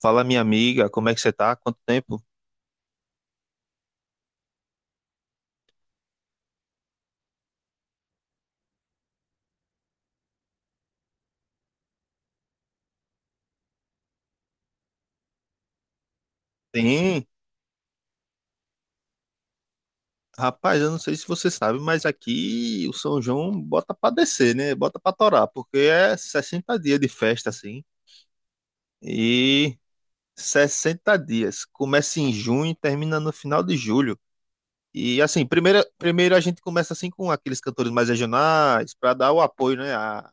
Fala, minha amiga, como é que você tá? Quanto tempo? Sim, rapaz, eu não sei se você sabe, mas aqui o São João bota pra descer, né? Bota pra torar, porque é 60 dias de festa, assim. E 60 dias. Começa em junho e termina no final de julho. E assim, primeiro a gente começa assim com aqueles cantores mais regionais, pra dar o apoio, né?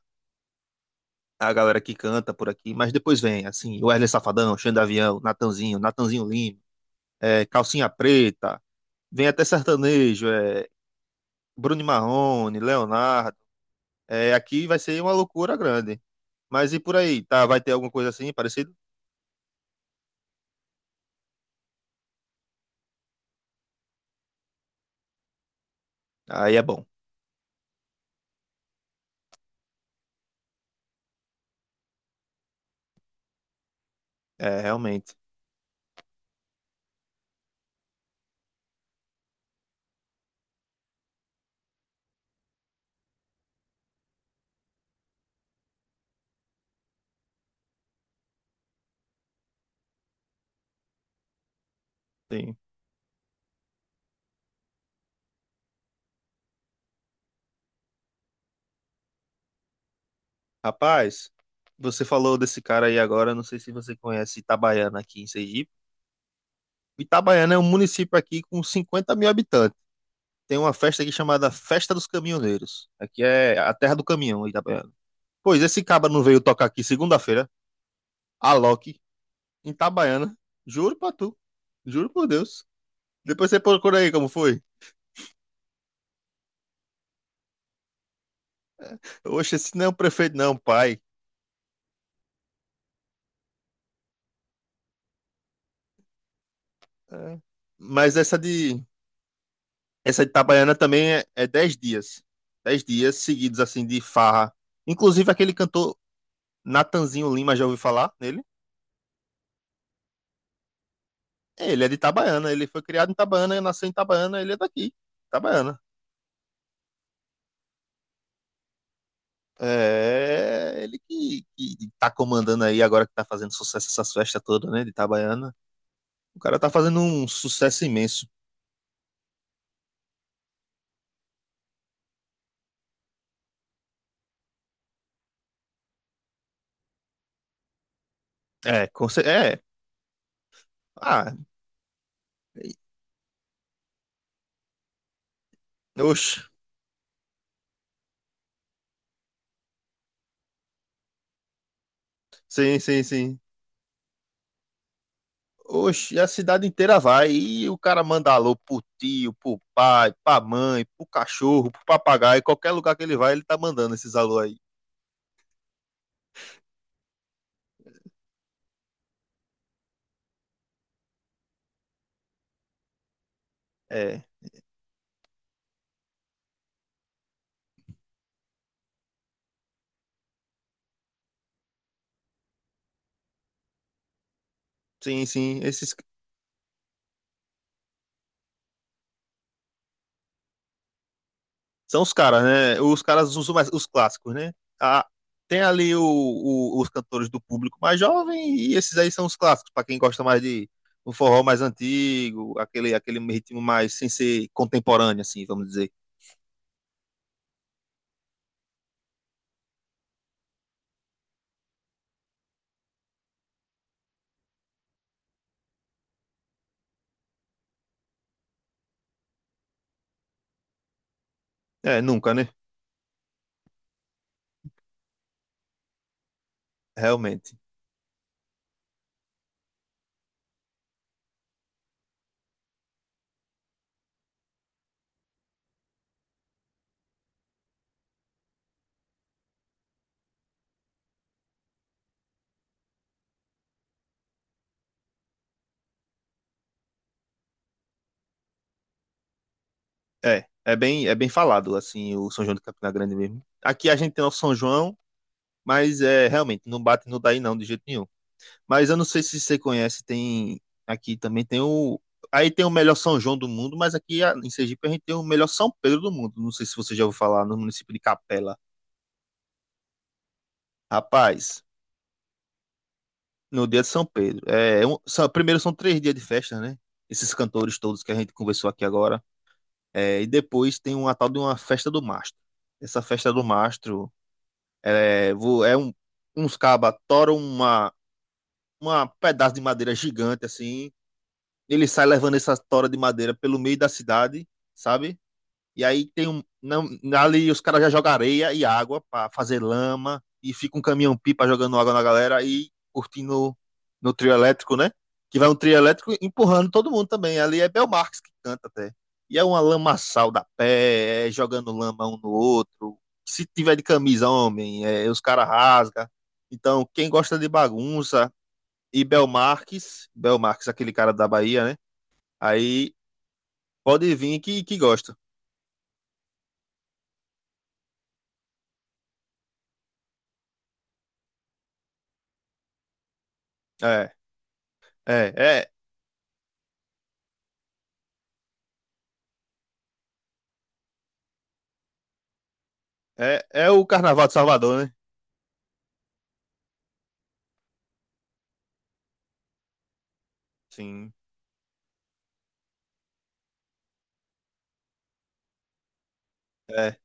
A galera que canta por aqui, mas depois vem, assim, o Wesley Safadão, Xand Avião, Natanzinho, Natanzinho Lima, Calcinha Preta. Vem até sertanejo, é Bruno e Marrone, Leonardo. É, aqui vai ser uma loucura grande. Mas e por aí? Tá, vai ter alguma coisa assim parecido? Aí é bom. É, realmente. Sim. Rapaz, você falou desse cara aí agora, não sei se você conhece Itabaiana aqui em Sergipe. Itabaiana é um município aqui com 50 mil habitantes. Tem uma festa aqui chamada Festa dos Caminhoneiros. Aqui é a terra do caminhão, Itabaiana. Pois esse cabra não veio tocar aqui segunda-feira, Alok, em Itabaiana. Juro pra tu. Juro por Deus. Depois você procura aí como foi. Oxe, esse não é o prefeito, não, pai. É. Mas essa de Itabaiana também é 10 dias. Dez dias seguidos, assim, de farra. Inclusive aquele cantor Natanzinho Lima, já ouviu falar nele? Ele é de Itabaiana, ele foi criado em Itabaiana, nasceu em Itabaiana, ele é daqui, Itabaiana. É ele que tá comandando aí agora que tá fazendo sucesso essas festas todas, né, de Itabaiana. O cara tá fazendo um sucesso imenso. É, é. Ah, oxe. Sim, sim, sim. Oxe, a cidade inteira vai. E o cara manda alô pro tio, pro pai, pra mãe, pro cachorro, pro papagaio. Qualquer lugar que ele vai, ele tá mandando esses alô aí. É, sim, sim. Esses são os caras, né? Os caras usam mais os clássicos, né? Ah, tem ali os cantores do público mais jovem e esses aí são os clássicos, pra quem gosta mais de um forró mais antigo, aquele ritmo mais sem ser contemporâneo, assim, vamos dizer. É, nunca, né? Realmente. É, é bem falado, assim, o São João de Campina Grande mesmo. Aqui a gente tem o São João, mas é realmente não bate no daí não, de jeito nenhum. Mas eu não sei se você conhece, tem aqui também tem o aí tem o melhor São João do mundo, mas aqui em Sergipe a gente tem o melhor São Pedro do mundo. Não sei se você já ouviu falar no município de Capela. Rapaz, no dia de São Pedro, primeiro são três dias de festa, né? Esses cantores todos que a gente conversou aqui agora. É, e depois tem uma tal de uma festa do mastro. Essa festa do mastro É, vo- é um, uns cabas toram uma pedaço de madeira gigante assim. Ele sai levando essa tora de madeira pelo meio da cidade, sabe? E aí tem um. Não, ali os caras já jogam areia e água pra fazer lama. E fica um caminhão-pipa jogando água na galera e curtindo no trio elétrico, né? Que vai um trio elétrico empurrando todo mundo também. Ali é Belmarx que canta até. E é uma lamaçal da pé, é jogando lama um no outro. Se tiver de camisa, homem, é, os caras rasga. Então, quem gosta de bagunça e Belmarques, aquele cara da Bahia, né? Aí pode vir que gosta. É, é, é, é o Carnaval de Salvador, né? Sim. É.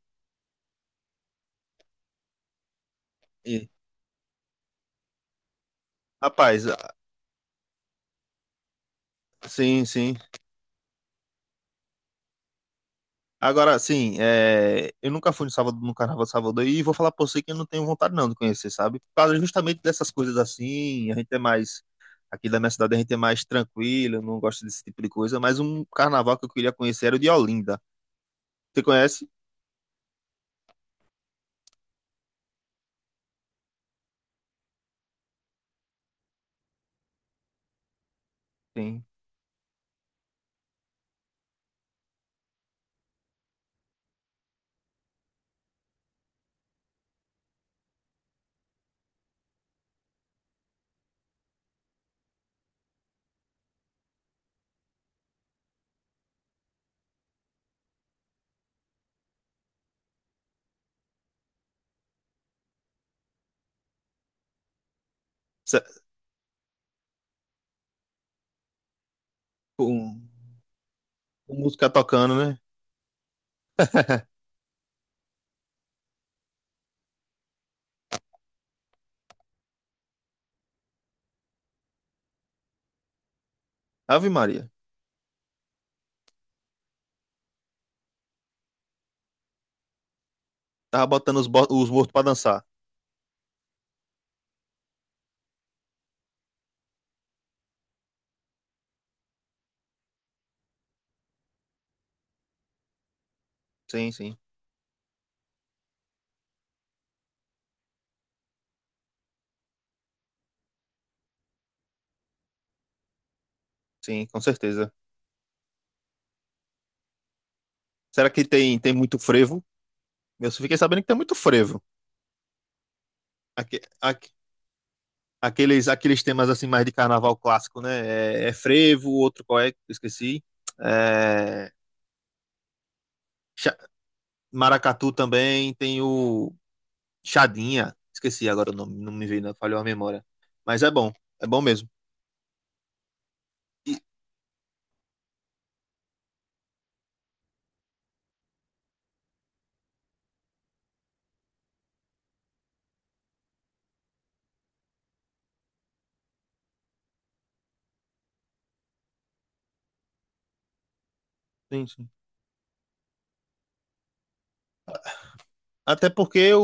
E- Rapaz, ah, sim, sim. Agora, sim, é, eu nunca fui no Salvador, no Carnaval de Salvador e vou falar pra você que eu não tenho vontade não de conhecer, sabe? Por causa justamente dessas coisas assim, a gente é mais, aqui da minha cidade a gente é mais tranquilo, eu não gosto desse tipo de coisa, mas um carnaval que eu queria conhecer era o de Olinda. Você conhece? Sim. Cê- Com, com música tocando, né? Ave Maria. Tava botando os mortos pra dançar. Sim, sim, sim, com certeza. Será que tem, tem muito frevo? Eu só fiquei sabendo que tem muito frevo. Aque- aque- Aqueles, aqueles temas assim mais de carnaval clássico, né? É, é frevo, outro qual é? Esqueci. É, cha- maracatu também, tem o Chadinha. Esqueci agora o nome, não me veio, não, falhou a memória. Mas é bom mesmo. E- Sim, sim. Até porque o,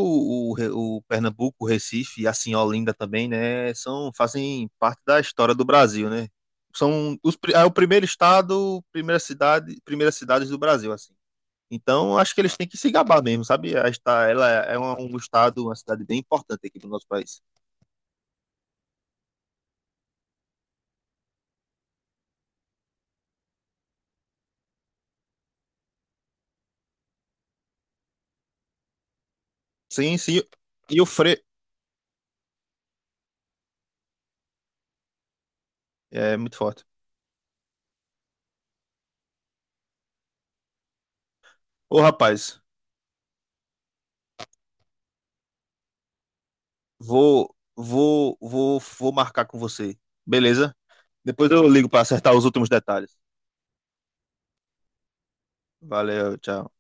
o, o Pernambuco, o Recife e assim Olinda também, né, são, fazem parte da história do Brasil, né? São os, pri- é o primeiro estado, primeira cidade, primeiras cidades do Brasil, assim. Então, acho que eles têm que se gabar mesmo, sabe? Ela é um estado, uma cidade bem importante aqui do nosso país. Sim, sim. E o Fre... É muito forte. Ô, rapaz, vou marcar com você, beleza? Depois eu ligo para acertar os últimos detalhes. Valeu, tchau.